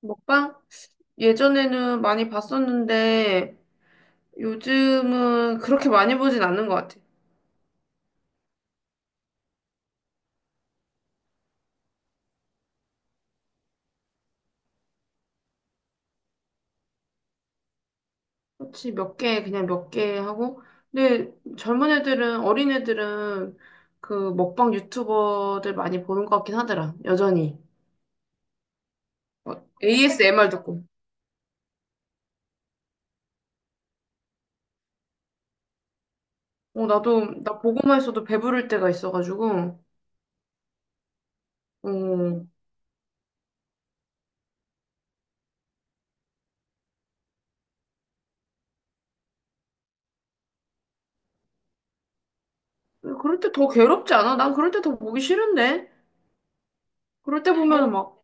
먹방? 예전에는 많이 봤었는데 요즘은 그렇게 많이 보진 않는 것 같아. 그렇지, 몇 개, 그냥 몇 개 하고. 근데 젊은 애들은, 어린 애들은 그 먹방 유튜버들 많이 보는 것 같긴 하더라, 여전히. 어, ASMR 듣고. 어, 나도, 나 보고만 있어도 배부를 때가 있어가지고. 어, 그럴 때 더 괴롭지 않아? 난 그럴 때 더 보기 싫은데? 그럴 때보면막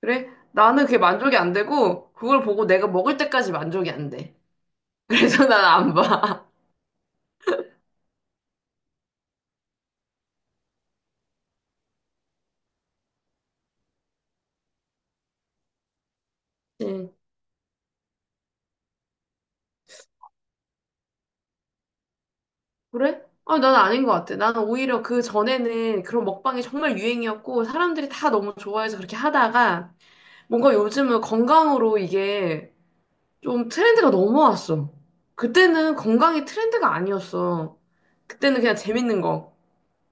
그래? 나는 그게 만족이 안 되고, 그걸 보고 내가 먹을 때까지 만족이 안 돼. 그래서 난 안 봐. 응. 그래? 아, 난 아닌 것 같아. 나는 오히려 그 전에는 그런 먹방이 정말 유행이었고, 사람들이 다 너무 좋아해서 그렇게 하다가, 뭔가 요즘은 건강으로 이게 좀 트렌드가 넘어왔어. 그때는 건강이 트렌드가 아니었어. 그때는 그냥 재밌는 거,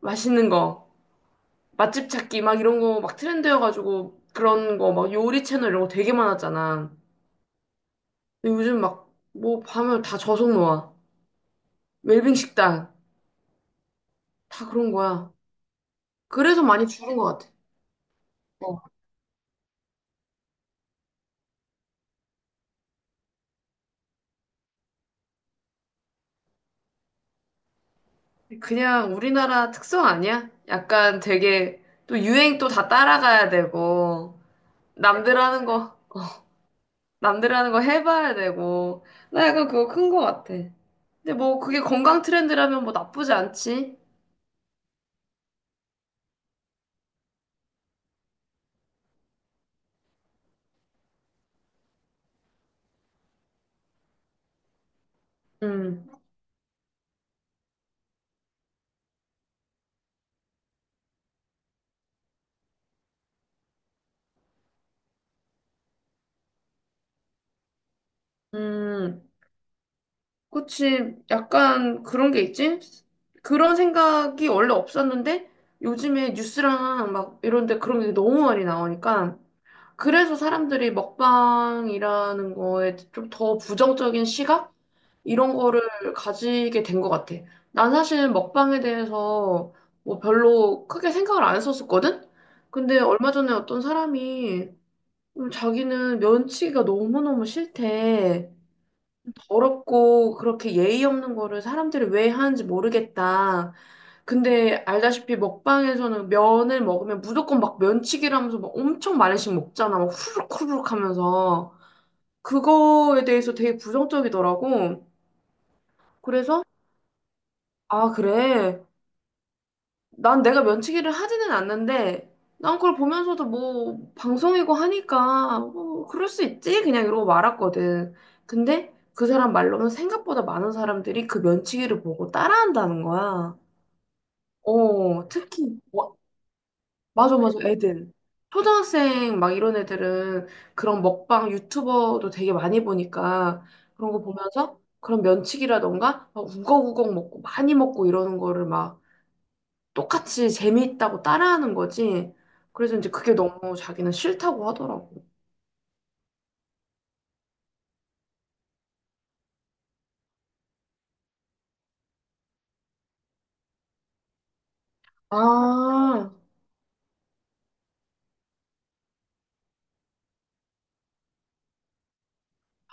맛있는 거, 맛집 찾기 막 이런 거 막 트렌드여가지고, 그런 거 막 요리 채널 이런 거 되게 많았잖아. 근데 요즘 막 뭐 밤을 다 저속노화, 웰빙 식당 다 그런 거야. 그래서 많이 줄은 것 같아. 어. 그냥 우리나라 특성 아니야? 약간 되게 또 유행 또 다 따라가야 되고 남들 하는 거 남들 하는 거 해봐야 되고 나 약간 그거 큰 것 같아. 근데 뭐 그게 건강 트렌드라면 뭐 나쁘지 않지? 음, 음. 그치, 약간 그런 게 있지? 그런 생각이 원래 없었는데 요즘에 뉴스랑 막 이런 데 그런 게 너무 많이 나오니까 그래서 사람들이 먹방이라는 거에 좀 더 부정적인 시각? 이런 거를 가지게 된 것 같아. 난 사실 먹방에 대해서 뭐 별로 크게 생각을 안 했었거든? 근데 얼마 전에 어떤 사람이 자기는 면치기가 너무너무 싫대. 더럽고 그렇게 예의 없는 거를 사람들이 왜 하는지 모르겠다. 근데 알다시피 먹방에서는 면을 먹으면 무조건 막 면치기라면서 막 엄청 많이씩 먹잖아. 막 후루룩 후루룩 하면서. 그거에 대해서 되게 부정적이더라고. 그래서 아, 그래. 난 내가 면치기를 하지는 않는데, 난 그걸 보면서도 뭐, 방송이고 하니까, 뭐, 그럴 수 있지? 그냥 이러고 말았거든. 근데 그 사람 말로는 생각보다 많은 사람들이 그 면치기를 보고 따라한다는 거야. 어, 특히, 와, 맞아, 맞아, 애들. 초등학생 막 이런 애들은 그런 먹방 유튜버도 되게 많이 보니까 그런 거 보면서 그런 면치기라던가 막 우걱우걱 먹고 많이 먹고 이러는 거를 막 똑같이 재미있다고 따라하는 거지. 그래서 이제 그게 너무 자기는 싫다고 하더라고. 아,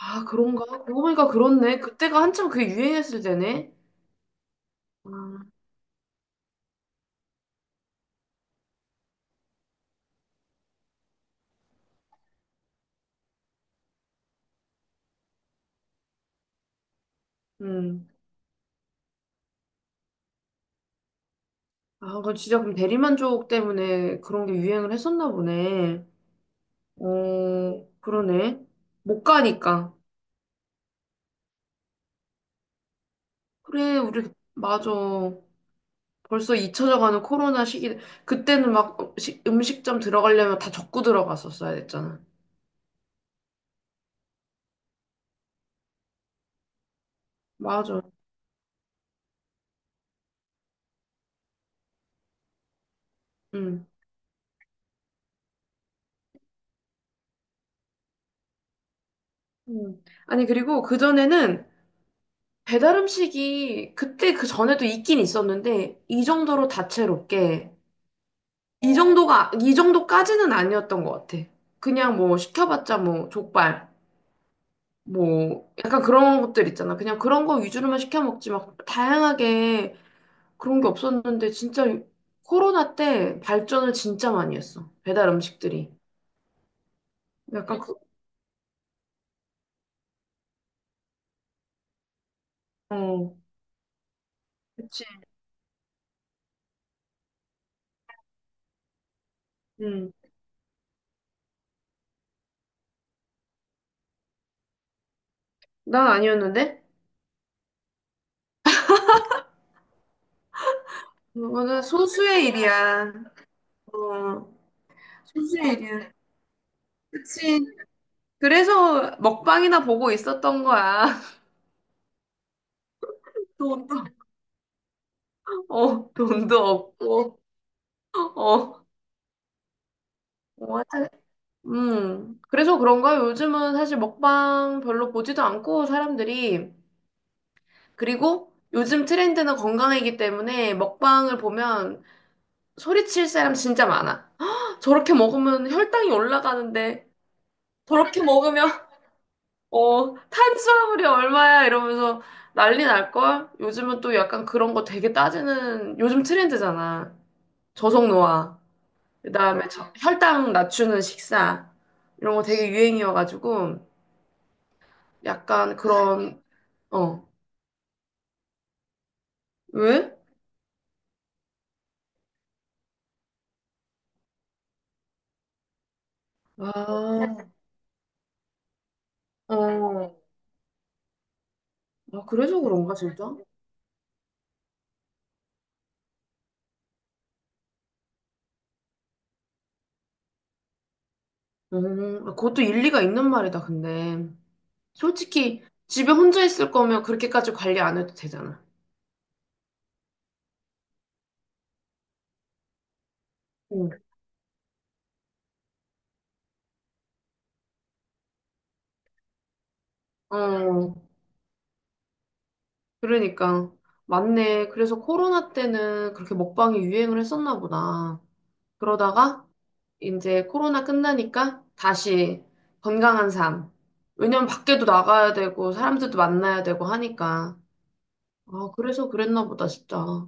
아, 그런가? 그러고 보니까 그렇네. 그때가 한참 그게 유행했을 때네. 아, 음. 아, 그 진짜 그럼 대리만족 때문에 그런 게 유행을 했었나 보네. 어, 그러네. 못 가니까. 그래, 우리, 맞아. 벌써 잊혀져 가는 코로나 시기. 그때는 막 음식, 음식점 들어가려면 다 적고 들어갔었어야 됐잖아. 맞아. 응. 음. 아니, 그리고 그전에는 배달 음식이 그때 그 전에도 있긴 있었는데, 이 정도로 다채롭게, 이 정도가, 이 정도까지는 아니었던 것 같아. 그냥 뭐 시켜봤자 뭐 족발, 뭐 약간 그런 것들 있잖아. 그냥 그런 거 위주로만 시켜 먹지 막 다양하게 그런 게 없었는데, 진짜 코로나 때 발전을 진짜 많이 했어. 배달 음식들이. 약간 그, 어, 그치. 음, 난 아니었는데? 그거는 소수의 일이야. 어, 소시지야. 그치. 그래서 먹방이나 보고 있었던 거야. 돈도, 어, 돈도 없고, 어, 어, 하여튼, 그래서 그런가 요즘은 사실 먹방 별로 보지도 않고 사람들이. 그리고 요즘 트렌드는 건강이기 때문에 먹방을 보면 소리칠 사람 진짜 많아. 저렇게 먹으면 혈당이 올라가는데, 저렇게 먹으면 어, 탄수화물이 얼마야? 이러면서 난리 날걸? 요즘은 또 약간 그런 거 되게 따지는 요즘 트렌드잖아. 저속노화. 그다음에 혈당 낮추는 식사. 이런 거 되게 유행이어가지고 약간 그런 어, 왜? 아, 어. 아, 그래서 그런가 진짜? 아, 그것도 일리가 있는 말이다, 근데. 솔직히 집에 혼자 있을 거면 그렇게까지 관리 안 해도 되잖아. 응. 어. 그러니까 맞네. 그래서 코로나 때는 그렇게 먹방이 유행을 했었나 보다. 그러다가 이제 코로나 끝나니까 다시 건강한 삶. 왜냐면 밖에도 나가야 되고 사람들도 만나야 되고 하니까. 아, 그래서 그랬나 보다, 진짜.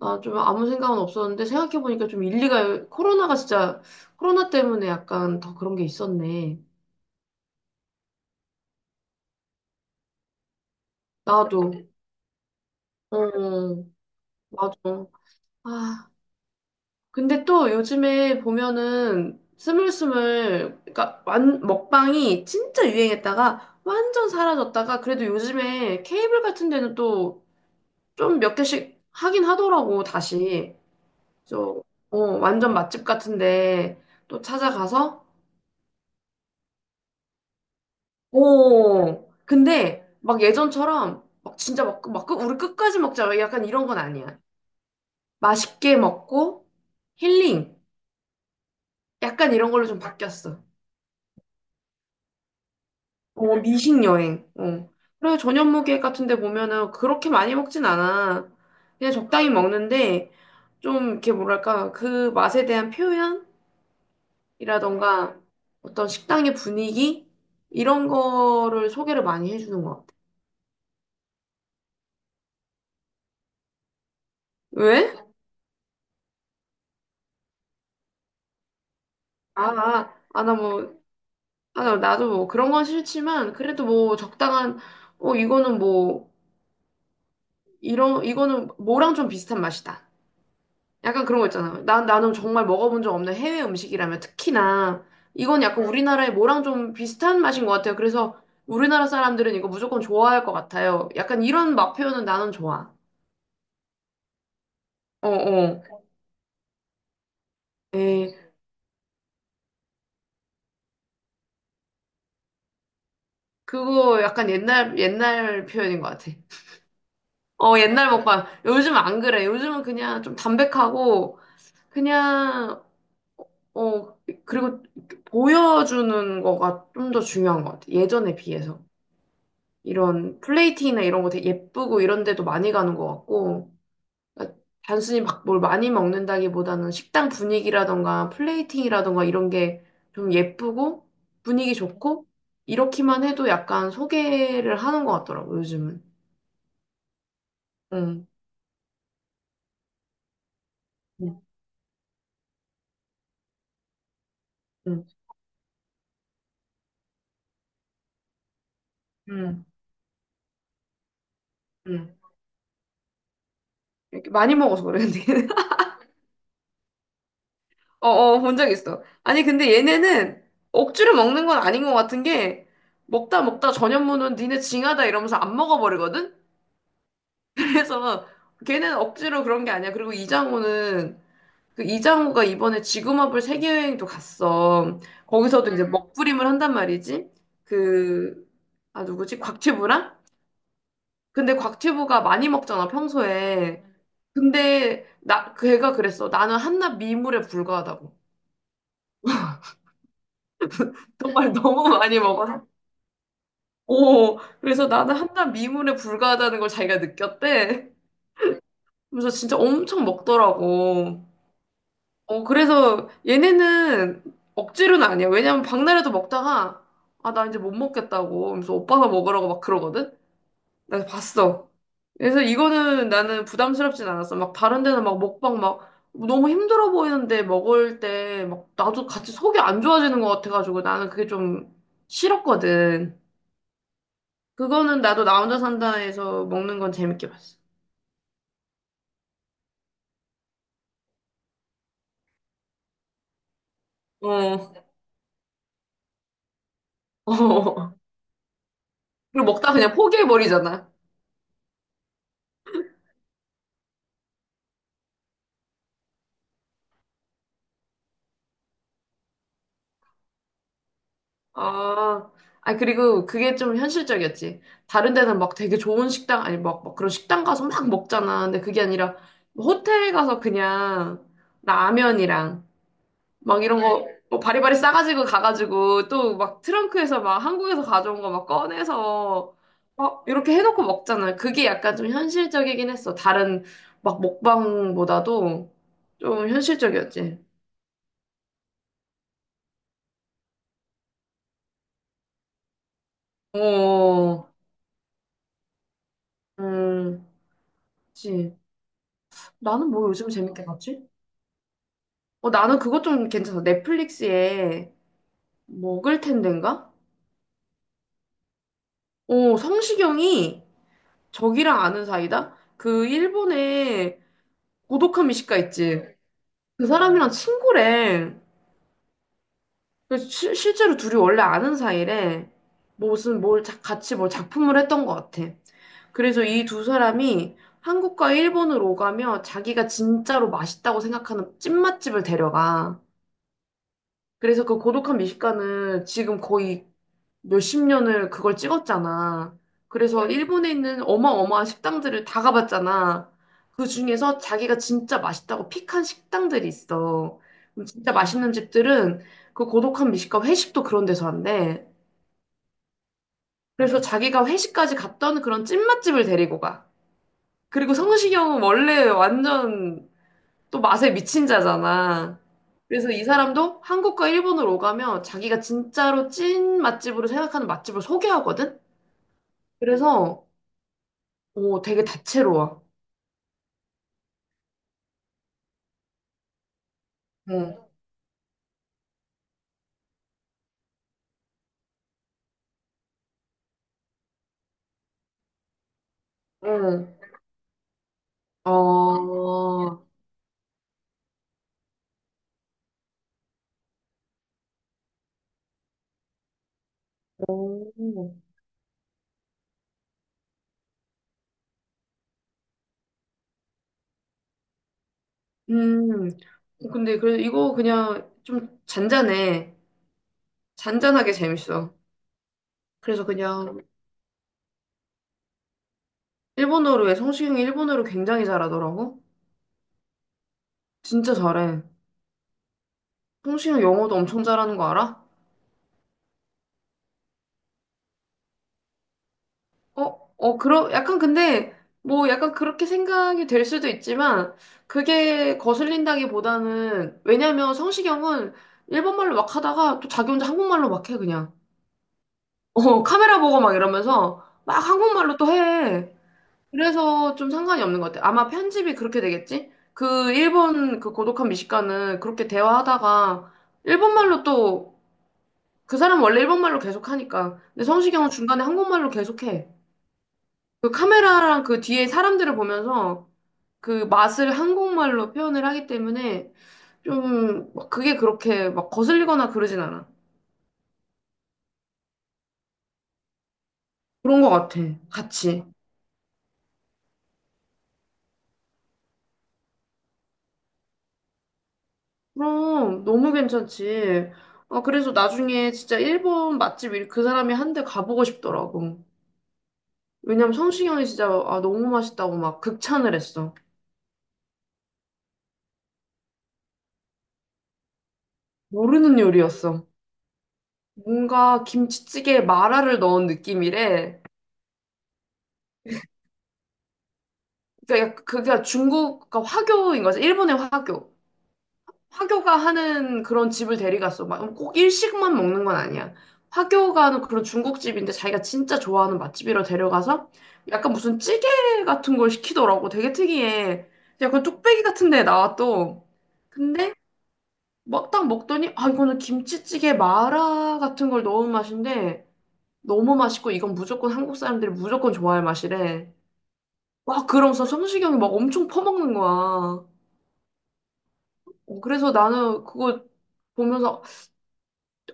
나 좀 아무 생각은 없었는데 생각해보니까 좀 일리가, 코로나가 진짜, 코로나 때문에 약간 더 그런 게 있었네. 나도. 어, 맞아. 아. 근데 또 요즘에 보면은 스물스물, 그러니까 완, 먹방이 진짜 유행했다가 완전 사라졌다가 그래도 요즘에 케이블 같은 데는 또 좀 몇 개씩 하긴 하더라고, 다시. 저, 어, 완전 맛집 같은데 또 찾아가서, 오, 근데 막 예전처럼 막 진짜 막, 막 끝- 우리 끝까지 먹자. 약간 이런 건 아니야. 맛있게 먹고 힐링. 약간 이런 걸로 좀 바뀌었어. 어, 미식 여행. 어. 그래서 저녁무 계획 같은 데 보면은 그렇게 많이 먹진 않아. 그냥 적당히 먹는데 좀 이렇게 뭐랄까 그 맛에 대한 표현이라던가 어떤 식당의 분위기 이런 거를 소개를 많이 해주는 것 같아. 왜? 아, 아, 아, 나 뭐, 아, 나도 뭐 그런 건 싫지만 그래도 뭐 적당한 어 이거는 뭐 이런 이거는 뭐랑 좀 비슷한 맛이다. 약간 그런 거 있잖아. 난, 나는 정말 먹어본 적 없는 해외 음식이라면 특히나 이건 약간 응. 우리나라의 뭐랑 좀 비슷한 맛인 것 같아요. 그래서 우리나라 사람들은 이거 무조건 좋아할 것 같아요. 약간 이런 맛 표현은 나는 좋아. 어, 어. 예, 그거 약간 옛날, 옛날 표현인 것 같아. 어, 옛날 먹방. 요즘 안 그래. 요즘은 그냥 좀 담백하고, 그냥, 어, 그리고 보여주는 거가 좀 더 중요한 것 같아. 예전에 비해서. 이런 플레이팅이나 이런 거 되게 예쁘고 이런 데도 많이 가는 것 같고, 그러니까 단순히 막 뭘 많이 먹는다기보다는 식당 분위기라던가 플레이팅이라던가 이런 게 좀 예쁘고 분위기 좋고, 이렇게만 해도 약간 소개를 하는 것 같더라고, 요즘은. 응, 응, 응, 응. 응. 이렇게 많이 먹어서 그래, 근데. 어, 어, 본 적 있어. 아니, 근데 얘네는 억지로 먹는 건 아닌 것 같은 게, 먹다 먹다 전현무는 니네 징하다 이러면서 안 먹어버리거든? 그래서 걔는 억지로 그런 게 아니야. 그리고 이장호는 그 이장호가 이번에 지구마블 세계여행도 갔어. 거기서도 이제 먹부림을 한단 말이지. 그, 아, 누구지? 곽튜브랑? 근데 곽튜브가 많이 먹잖아, 평소에. 근데 나, 걔가 그랬어. 나는 한낱 미물에 불과하다고. 정말 너무 많이 먹어서. 오, 그래서 나는 한낱 미물에 불과하다는 걸 자기가 느꼈대. 그래서 진짜 엄청 먹더라고. 어, 그래서 얘네는 억지로는 아니야. 왜냐면 박나래도 먹다가, 아, 나 이제 못 먹겠다고. 하면서 오빠가 먹으라고 막 그러거든? 나 봤어. 그래서 이거는 나는 부담스럽진 않았어. 막 다른 데는 막 먹방 막 너무 힘들어 보이는데 먹을 때 막 나도 같이 속이 안 좋아지는 것 같아가지고 나는 그게 좀 싫었거든. 그거는 나도 나 혼자 산다에서 먹는 건 재밌게 봤어. 어. 그리고 먹다 그냥 포기해버리잖아. 아, 아니, 그리고 그게 좀 현실적이었지. 다른 데는 막 되게 좋은 식당, 아니, 막, 막 그런 식당 가서 막 먹잖아. 근데 그게 아니라, 뭐 호텔 가서 그냥 라면이랑 막 이런 거, 뭐 바리바리 싸가지고 가가지고 또 막 트렁크에서 막 한국에서 가져온 거 막 꺼내서 막 이렇게 해놓고 먹잖아. 그게 약간 좀 현실적이긴 했어. 다른 막 먹방보다도 좀 현실적이었지. 어, 음, 그치. 나는 뭐 요즘 재밌게 봤지? 어, 나는 그것 좀 괜찮아. 넷플릭스에 먹을 텐데인가? 어, 성시경이 저기랑 아는 사이다? 그 일본의 고독한 미식가 있지? 그 사람이랑 친구래. 그래서 실제로 둘이 원래 아는 사이래. 뭐 무슨 뭘 같이 뭘 작품을 했던 것 같아. 그래서 이 두 사람이 한국과 일본을 오가며 자기가 진짜로 맛있다고 생각하는 찐맛집을 데려가. 그래서 그 고독한 미식가는 지금 거의 몇십 년을 그걸 찍었잖아. 그래서 일본에 있는 어마어마한 식당들을 다 가봤잖아. 그 중에서 자기가 진짜 맛있다고 픽한 식당들이 있어. 그럼 진짜 맛있는 집들은 그 고독한 미식가 회식도 그런 데서 한대. 그래서 자기가 회식까지 갔던 그런 찐맛집을 데리고 가. 그리고 성시경은 원래 완전 또 맛에 미친 자잖아. 그래서 이 사람도 한국과 일본을 오가면 자기가 진짜로 찐 맛집으로 생각하는 맛집을 소개하거든? 그래서 오, 되게 다채로워. 응, 응. 어, 오. 음. 어, 근데 그래 이거 그냥 좀 잔잔해. 잔잔하게 재밌어. 그래서 그냥 일본어로 해. 성시경이 일본어를 굉장히 잘하더라고. 진짜 잘해. 성시경 영어도 엄청 잘하는 거 알아? 어, 어, 그러, 약간 근데 뭐 약간 그렇게 생각이 될 수도 있지만 그게 거슬린다기보다는 왜냐면 성시경은 일본말로 막 하다가 또 자기 혼자 한국말로 막 해, 그냥. 어, 카메라 보고 막 이러면서 막 한국말로 또 해. 그래서 좀 상관이 없는 것 같아. 아마 편집이 그렇게 되겠지? 그 일본 그 고독한 미식가는 그렇게 대화하다가 일본말로 또 그 사람 원래 일본말로 계속 하니까. 근데 성시경은 중간에 한국말로 계속 해. 그 카메라랑 그 뒤에 사람들을 보면서 그 맛을 한국말로 표현을 하기 때문에 좀막 그게 그렇게 막 거슬리거나 그러진 않아. 그런 것 같아. 같이. 그럼 너무 괜찮지. 아, 그래서 나중에 진짜 일본 맛집 그 사람이 한 대 가보고 싶더라고. 왜냐면 성시경이 진짜 아, 너무 맛있다고 막 극찬을 했어. 모르는 요리였어. 뭔가 김치찌개에 마라를 넣은 느낌이래. 그러니까 그게 중국, 그러니까 화교인 거지. 일본의 화교. 화교가 하는 그런 집을 데려갔어. 막 꼭 일식만 먹는 건 아니야. 화교가 하는 그런 중국집인데 자기가 진짜 좋아하는 맛집이라 데려가서 약간 무슨 찌개 같은 걸 시키더라고. 되게 특이해. 약간 뚝배기 같은 데 나와 또. 근데 막 딱 먹더니 아 이거는 김치찌개 마라 같은 걸 넣은 맛인데 너무 맛있고 이건 무조건 한국 사람들이 무조건 좋아할 맛이래. 와 그러면서 성시경이 막 엄청 퍼먹는 거야. 어, 그래서 나는 그거 보면서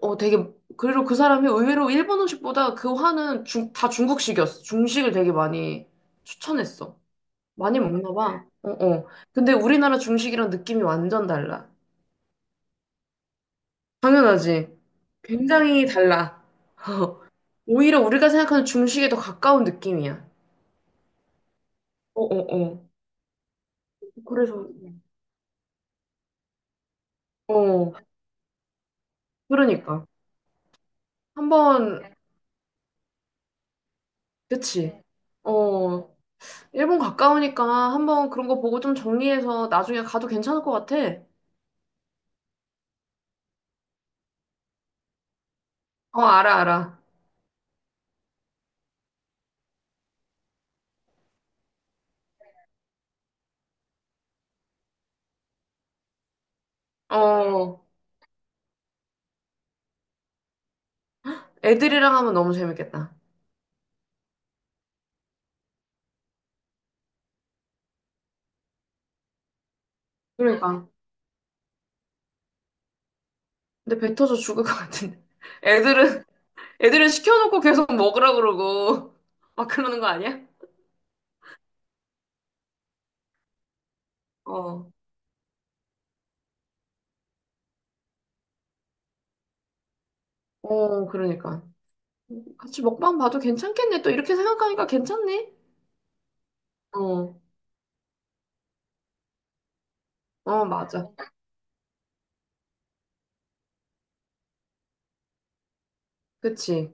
어, 되게, 그리고 그 사람이 의외로 일본 음식보다 그 화는 중, 다 중국식이었어. 중식을 되게 많이 추천했어. 많이 먹나 봐. 어, 어. 근데 우리나라 중식이랑 느낌이 완전 달라. 당연하지. 굉장히 달라. 오히려 우리가 생각하는 중식에 더 가까운 느낌이야. 어, 어, 어. 그래서, 어, 그러니까. 한번, 그치. 어, 일본 가까우니까 한번 그런 거 보고 좀 정리해서 나중에 가도 괜찮을 것 같아. 어, 알아, 알아. 어. 애들이랑 하면 너무 재밌겠다. 그러니까. 근데 뱉어서 죽을 것 같은데. 애들은, 애들은 시켜놓고 계속 먹으라 그러고. 막 그러는 거 아니야? 어, 어, 그러니까. 같이 먹방 봐도 괜찮겠네. 또 이렇게 생각하니까 괜찮네. 어, 어, 맞아. 그치.